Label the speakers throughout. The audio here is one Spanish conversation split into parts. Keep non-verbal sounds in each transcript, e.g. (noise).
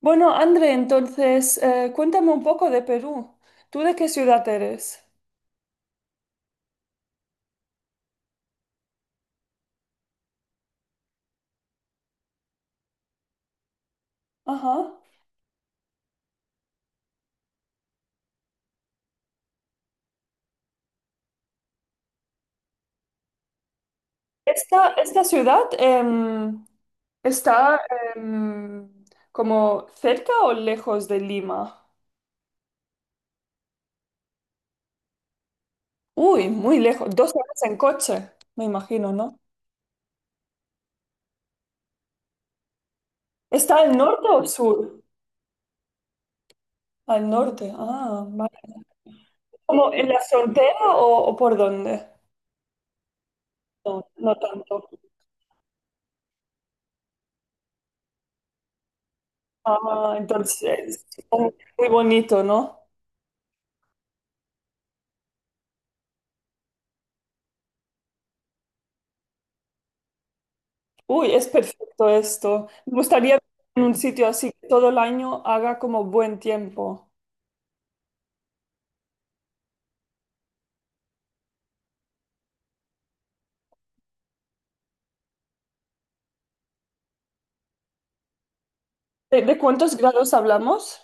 Speaker 1: Bueno, André, entonces, cuéntame un poco de Perú. ¿Tú de qué ciudad eres? Ajá. Esta ciudad está em, ¿como cerca o lejos de Lima? Uy, muy lejos. Dos horas en coche, me imagino, ¿no? ¿Está al norte o al sur? Al norte. Ah, vale. ¿Como en la frontera o por dónde? No, no tanto. Ah, entonces, muy bonito, ¿no? Uy, es perfecto esto. Me gustaría vivir en un sitio así que todo el año haga como buen tiempo. ¿De cuántos grados hablamos?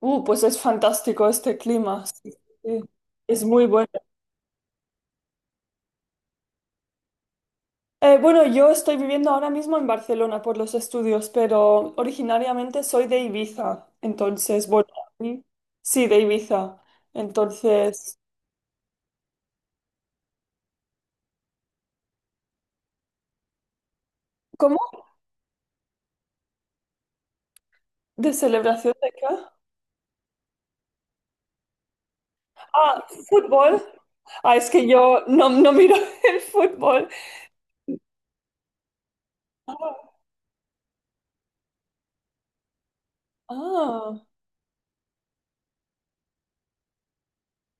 Speaker 1: Pues es fantástico este clima. Sí, sí, sí. Es muy bueno. Bueno, yo estoy viviendo ahora mismo en Barcelona por los estudios, pero originariamente soy de Ibiza. Entonces, bueno, sí, sí, de Ibiza. Entonces, ¿cómo? ¿De celebración de qué? Ah, fútbol. Ah, es que yo no miro (laughs) el fútbol. Ah. Ah,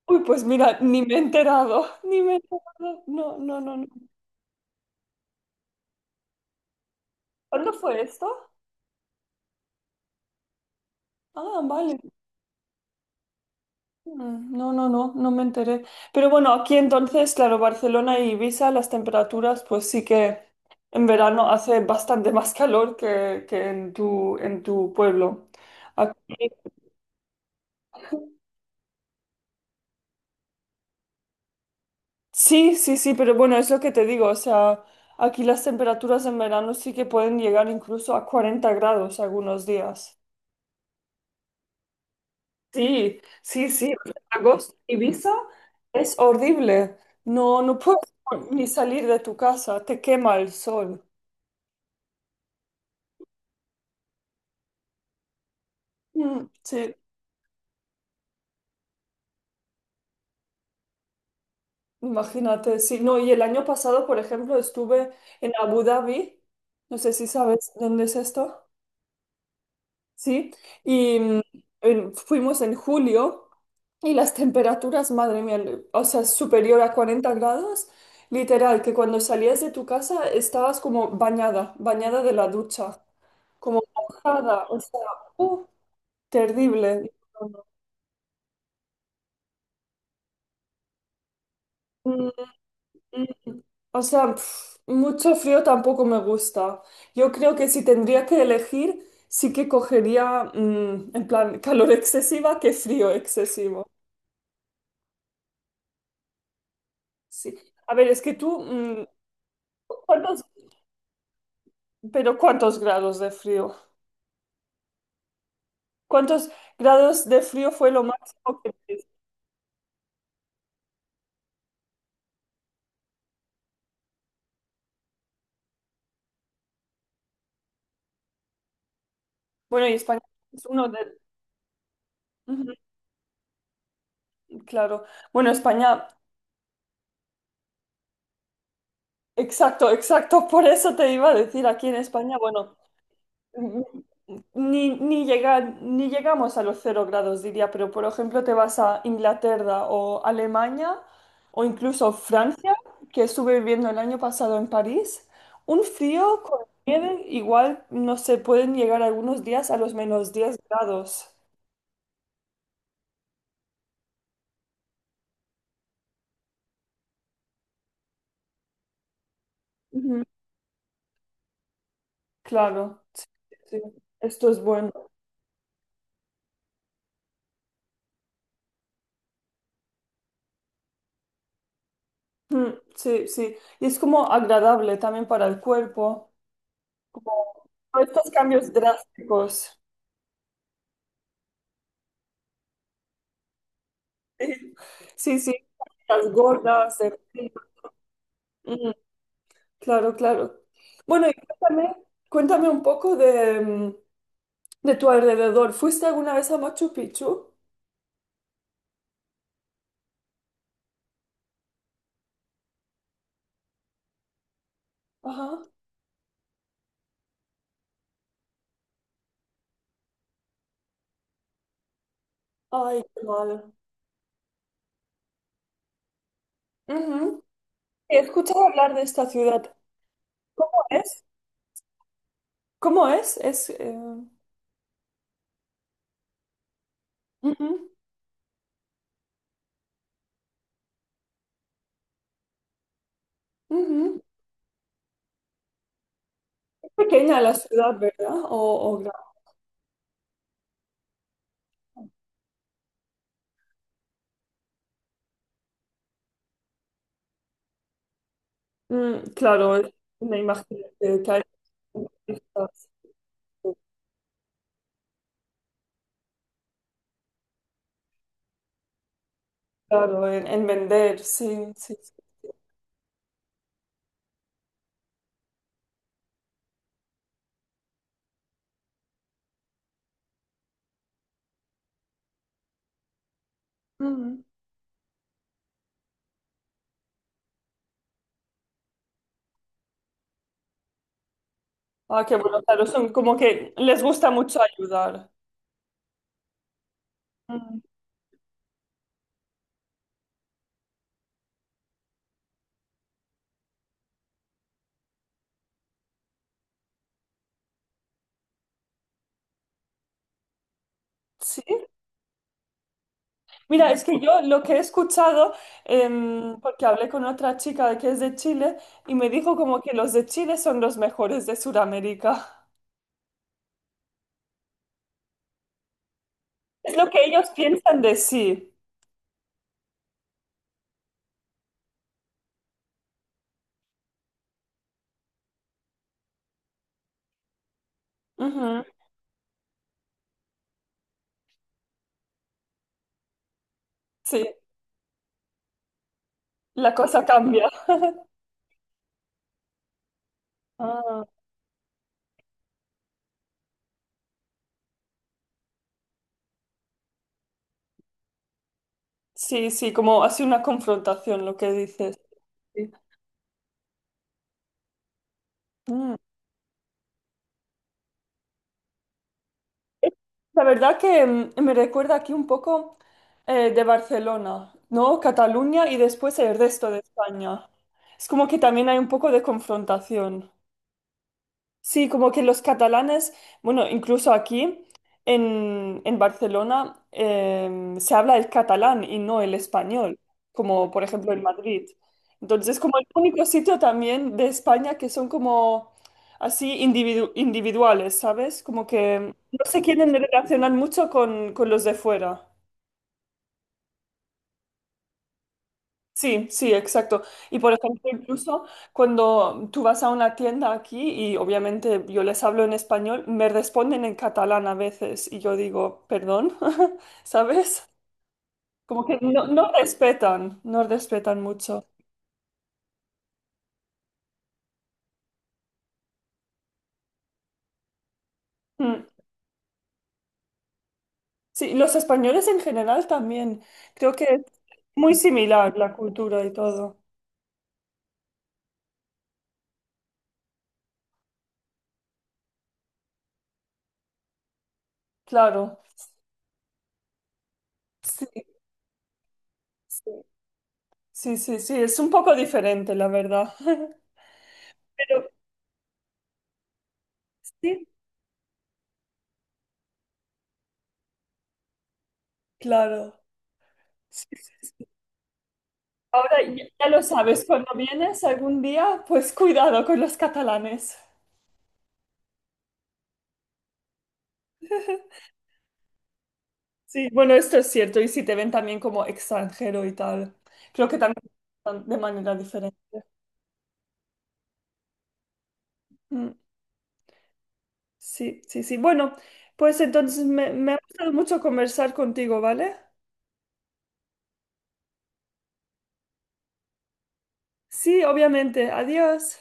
Speaker 1: uy, pues mira, ni me he enterado, (laughs) ni me he enterado. No, no, no, no. ¿Cuándo fue esto? Ah, vale. Mm. No, no, no, no me enteré. Pero bueno, aquí entonces, claro, Barcelona y Ibiza, las temperaturas, pues sí que en verano hace bastante más calor que en en tu pueblo. Aquí- sí, sí, sí, pero bueno, es lo que te digo, o sea, aquí las temperaturas en verano sí que pueden llegar incluso a 40 grados algunos días. Sí, sí, sí. Agosto, Ibiza es horrible. No, no puedes (laughs) ni salir de tu casa, te quema el sol. Mm, sí, imagínate. Sí, no, y el año pasado, por ejemplo, estuve en Abu Dhabi. No sé si sabes dónde es esto. Sí, y en- fuimos en julio y las temperaturas, madre mía, le- o sea, superior a 40 grados. Literal, que cuando salías de tu casa estabas como bañada, bañada de la ducha, como mojada, o sea, uh, terrible. Mm, mm. O sea, pf, mucho frío tampoco me gusta. Yo creo que si tendría que elegir, sí que cogería, en plan, calor excesiva que frío excesivo. Sí. A ver, es que tú, ¿cuántos, pero cuántos grados de frío? ¿Cuántos grados de frío fue lo máximo que tuviste? Bueno, y España es uno de… Ujú. Claro. Bueno, España… Exacto, exacto. Por eso te iba a decir, aquí en España, bueno, ni, ni, llega- ni llegamos a los 0 grados, diría, pero por ejemplo te vas a Inglaterra o Alemania o incluso Francia, que estuve viviendo el año pasado en París, un frío con nieve, igual, no se pueden llegar algunos días a los -10 grados. Ujú. Claro, sí, sí, esto es bueno. Mm. Sí, sí, y es como agradable también para el cuerpo. Todos estos cambios drásticos. Sí, sí, sí, las gordas. De- mm, claro, claro. Bueno, y cuéntame, cuéntame un poco de, de tu alrededor. ¿Fuiste alguna vez a Machu Picchu? Ajá. Ay, qué mal. Ujú. He escuchado hablar de esta ciudad. ¿Cómo es? ¿Cómo es? Es, ujú, ujú. Es pequeña la ciudad, ¿verdad? O gran-. Mm, claro, me imagino que hay turistas. Claro, en vender, sí, sí, sí. Ujú. Ah, qué bueno, claro, son como que les gusta mucho ayudar. Ujú. Sí. Mira, es que yo lo que he escuchado, porque hablé con otra chica que es de Chile y me dijo como que los de Chile son los mejores de Sudamérica. Es lo que ellos piensan de sí. Ujú. Sí, la cosa cambia. Ah, sí, sí, como así una confrontación lo que dices. Sí. Mm. La verdad que me recuerda aquí un poco de Barcelona, ¿no? Cataluña y después el resto de España. Es como que también hay un poco de confrontación. Sí, como que los catalanes, bueno, incluso aquí en Barcelona se habla el catalán y no el español, como por ejemplo en Madrid. Entonces, como el único sitio también de España que son como así individu- individuales, ¿sabes? Como que no se quieren relacionar mucho con los de fuera. Sí, sí, exacto. Y por ejemplo, incluso cuando tú vas a una tienda aquí y obviamente yo les hablo en español, me responden en catalán a veces y yo digo, perdón, (laughs) ¿sabes? Como que no, no respetan, no respetan mucho. Mm. Sí, los españoles en general también. Creo que es muy similar la cultura y todo. Claro, sí, sí, sí, sí, sí, es un poco diferente, la verdad. (laughs) Pero sí, claro. Sí, sí, sí. Ahora ya ya lo sabes, cuando vienes algún día, pues cuidado con los catalanes. (laughs) Sí, bueno, esto es cierto. Y si te ven también como extranjero y tal, creo que también de manera diferente. Mm. Sí, sí, sí. Bueno, pues entonces me ha gustado mucho conversar contigo, ¿vale? Sí, obviamente. Adiós.